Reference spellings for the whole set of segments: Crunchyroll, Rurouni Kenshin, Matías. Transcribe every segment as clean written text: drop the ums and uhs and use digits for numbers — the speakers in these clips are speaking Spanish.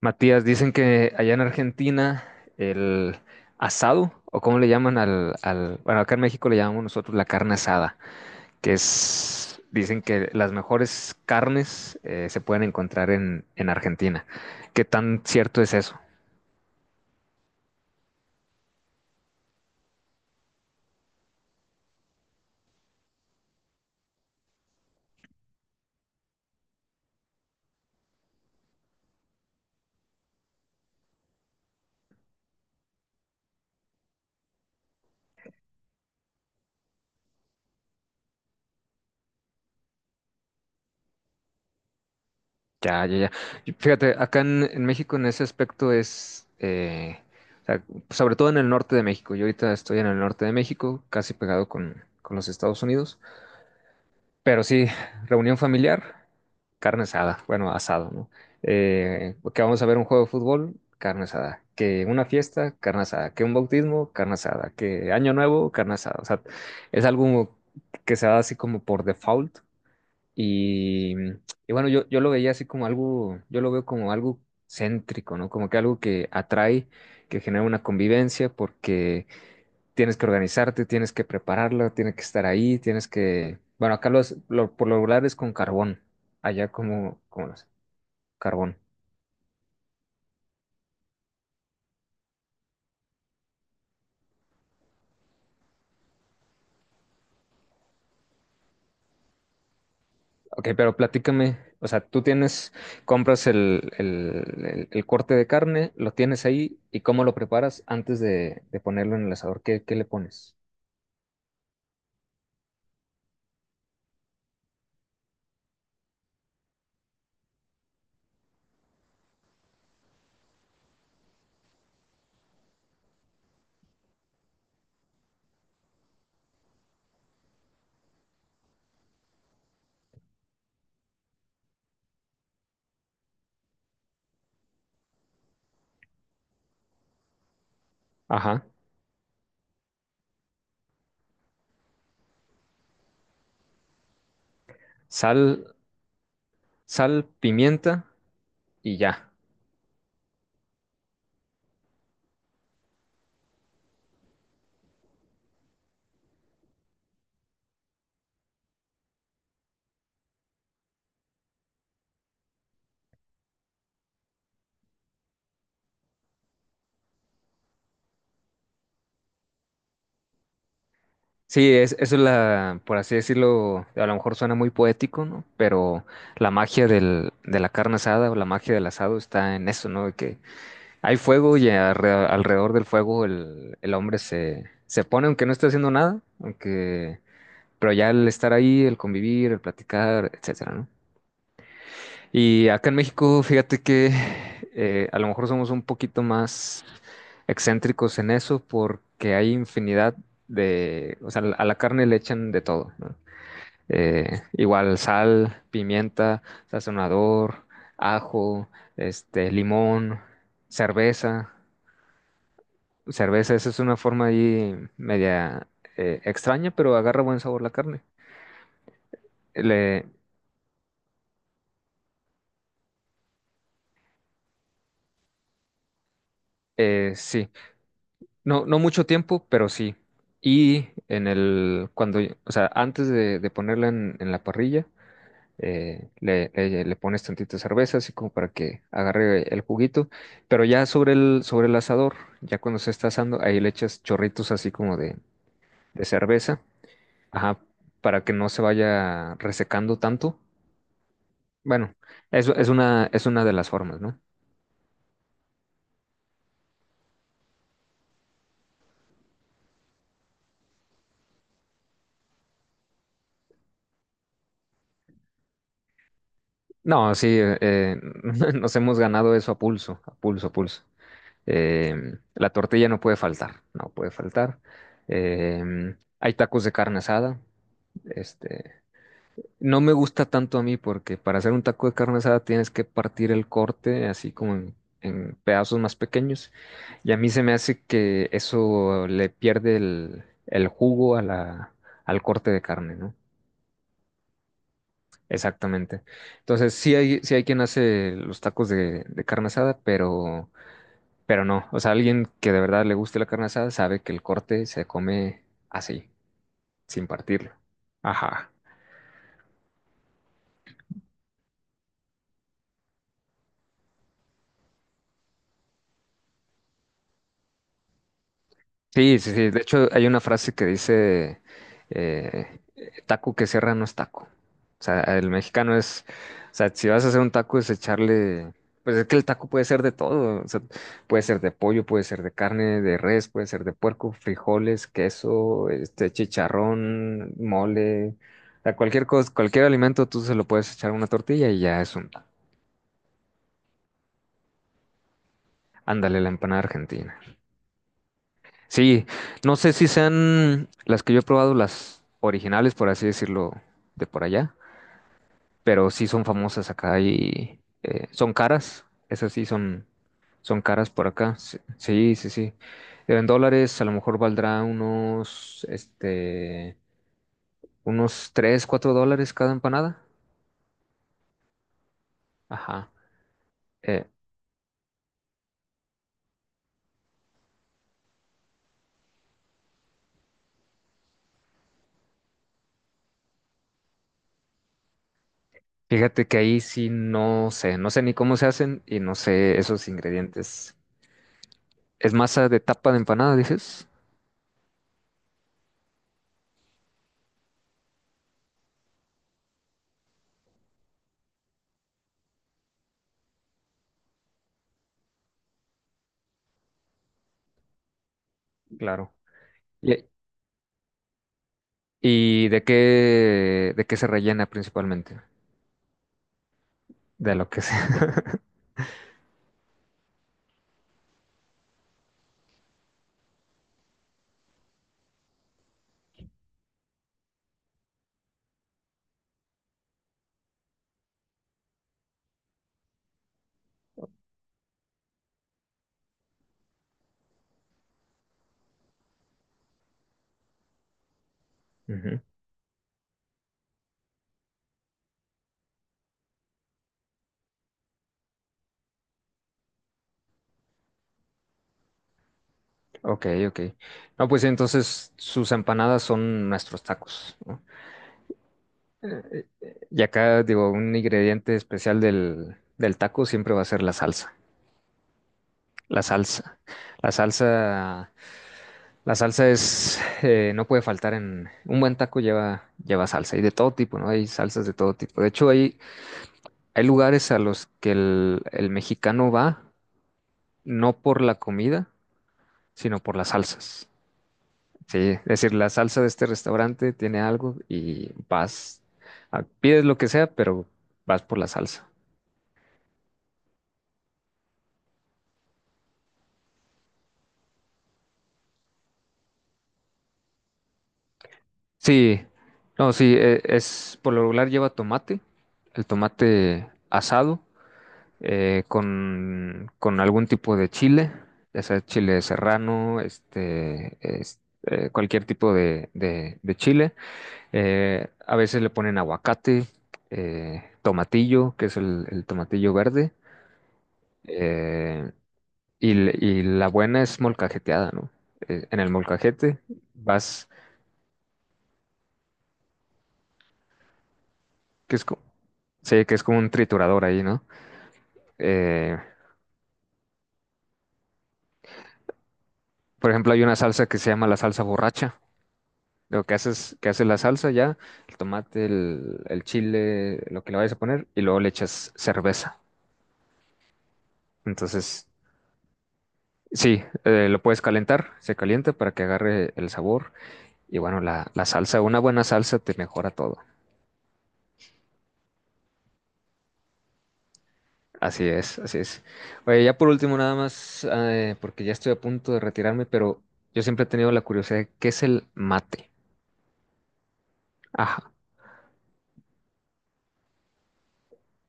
Matías, dicen que allá en Argentina el asado, o cómo le llaman bueno, acá en México le llamamos nosotros la carne asada, dicen que las mejores carnes se pueden encontrar en Argentina. ¿Qué tan cierto es eso? Ya, ya, ya. Y fíjate, acá en México en ese aspecto es, o sea, sobre todo en el norte de México. Yo ahorita estoy en el norte de México, casi pegado con los Estados Unidos. Pero sí, reunión familiar, carne asada, bueno, asado, ¿no? Que vamos a ver un juego de fútbol, carne asada. Que una fiesta, carne asada. Que un bautismo, carne asada. Que año nuevo, carne asada. O sea, es algo que se da así como por default. Y, y bueno, yo lo veía así como algo, yo lo veo como algo céntrico, ¿no? Como que algo que atrae, que genera una convivencia, porque tienes que organizarte, tienes que prepararlo, tienes que estar ahí, tienes que... Bueno, acá por lo regular es con carbón, allá como los... carbón. Ok, pero platícame, o sea, tú tienes, compras el corte de carne, lo tienes ahí y cómo lo preparas antes de ponerlo en el asador, ¿qué, qué le pones? Ajá, sal, sal, pimienta y ya. Sí, eso es la, por así decirlo, a lo mejor suena muy poético, ¿no? Pero la magia del, de la carne asada o la magia del asado está en eso, ¿no? De que hay fuego y alrededor del fuego el hombre se pone, aunque no esté haciendo nada, aunque, pero ya el estar ahí, el convivir, el platicar, etcétera, ¿no? Y acá en México, fíjate que a lo mejor somos un poquito más excéntricos en eso porque hay infinidad de, o sea, a la carne le echan de todo, ¿no? Igual sal, pimienta, sazonador, ajo, este, limón, cerveza. Cerveza, esa es una forma ahí media extraña, pero agarra buen sabor la carne. Le, sí. No, no mucho tiempo, pero sí. Y en el, cuando, o sea, antes de ponerla en la parrilla, le pones tantita cerveza, así como para que agarre el juguito. Pero ya sobre el asador, ya cuando se está asando, ahí le echas chorritos así como de cerveza, ajá, para que no se vaya resecando tanto. Bueno, es una de las formas, ¿no? No, sí, nos hemos ganado eso a pulso, a pulso, a pulso. La tortilla no puede faltar, no puede faltar. Hay tacos de carne asada. Este, no me gusta tanto a mí porque para hacer un taco de carne asada tienes que partir el corte así como en pedazos más pequeños. Y a mí se me hace que eso le pierde el jugo a la, al corte de carne, ¿no? Exactamente. Entonces, sí hay quien hace los tacos de carne asada, pero no, o sea, alguien que de verdad le guste la carne asada sabe que el corte se come así, sin partirlo. Ajá. Sí, sí, sí. De hecho, hay una frase que dice, eh, taco que cierra no es taco. O sea, el mexicano es, o sea, si vas a hacer un taco es echarle, pues es que el taco puede ser de todo. O sea, puede ser de pollo, puede ser de carne, de res, puede ser de puerco, frijoles, queso, este, chicharrón, mole. O sea, cualquier cosa, cualquier alimento tú se lo puedes echar a una tortilla y ya es un taco. Ándale, la empanada argentina. Sí, no sé si sean las que yo he probado, las originales, por así decirlo, de por allá, pero sí son famosas acá y son caras, esas sí son, son caras por acá. Sí, sí, sí, sí. En dólares a lo mejor valdrá unos, este, unos 3, 4 dólares cada empanada. Ajá. Eh, Fíjate que ahí sí no sé, no sé ni cómo se hacen y no sé esos ingredientes. ¿Es masa de tapa de empanada, dices? Claro. Y- ¿Y de qué se rellena principalmente? De lo que sea. Ujú. Ok, ok. No, pues sí, entonces sus empanadas son nuestros tacos, ¿no? Eh, y acá, digo, un ingrediente especial del, del taco siempre va a ser la salsa. La salsa. La salsa, la salsa es, no puede faltar en, un buen taco lleva, lleva salsa y de todo tipo, ¿no? Hay salsas de todo tipo. De hecho, hay lugares a los que el mexicano va, no por la comida, sino por las salsas. Sí, es decir, la salsa de este restaurante tiene algo y vas, pides lo que sea, pero vas por la salsa. Sí, no, sí, e- es por lo regular lleva tomate, el tomate asado, con algún tipo de chile, ya sea chile serrano, este, cualquier tipo de chile. A veces le ponen aguacate, tomatillo, que es el tomatillo verde. Eh, y la buena es molcajeteada, ¿no? En el molcajete vas, que es, sí, que es como un triturador ahí, ¿no? Eh, por ejemplo, hay una salsa que se llama la salsa borracha. Lo que haces, que hace la salsa ya, el tomate, el chile, lo que le vayas a poner, y luego le echas cerveza. Entonces, sí, lo puedes calentar, se calienta para que agarre el sabor. Y bueno, la salsa, una buena salsa te mejora todo. Así es, así es. Oye, ya por último, nada más, porque ya estoy a punto de retirarme, pero yo siempre he tenido la curiosidad de qué es el mate. Ajá.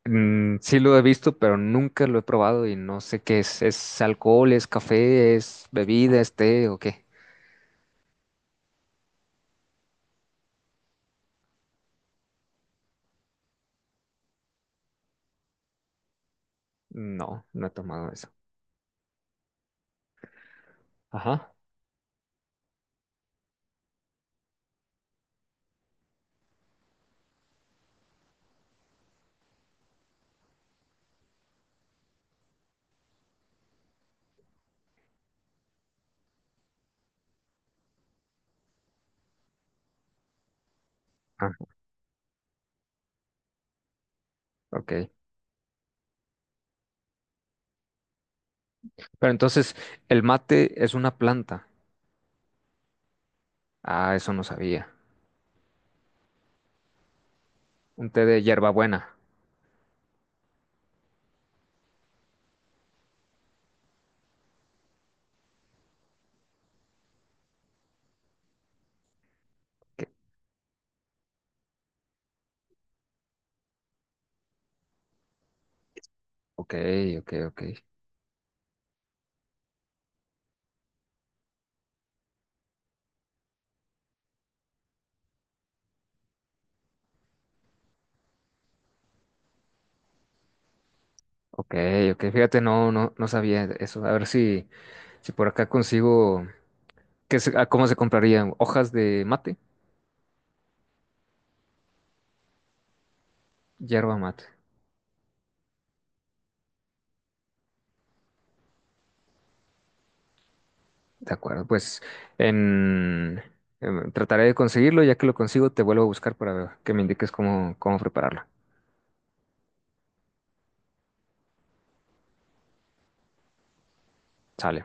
Mm, sí lo he visto, pero nunca lo he probado y no sé qué es. ¿Es alcohol, es café, es bebida, es té o qué? No, no he tomado eso. Ajá. Ah, ok. Pero entonces, el mate es una planta. Ah, eso no sabía. ¿Un té de hierbabuena? Que- Ok, ok, ok. Ok, ok, fíjate, no, no, no sabía eso. A ver si, si por acá consigo, ¿cómo se comprarían? ¿Hojas de mate? Hierba mate. De acuerdo, pues en, em, trataré de conseguirlo, ya que lo consigo, te vuelvo a buscar para que me indiques cómo, cómo prepararlo. Sale.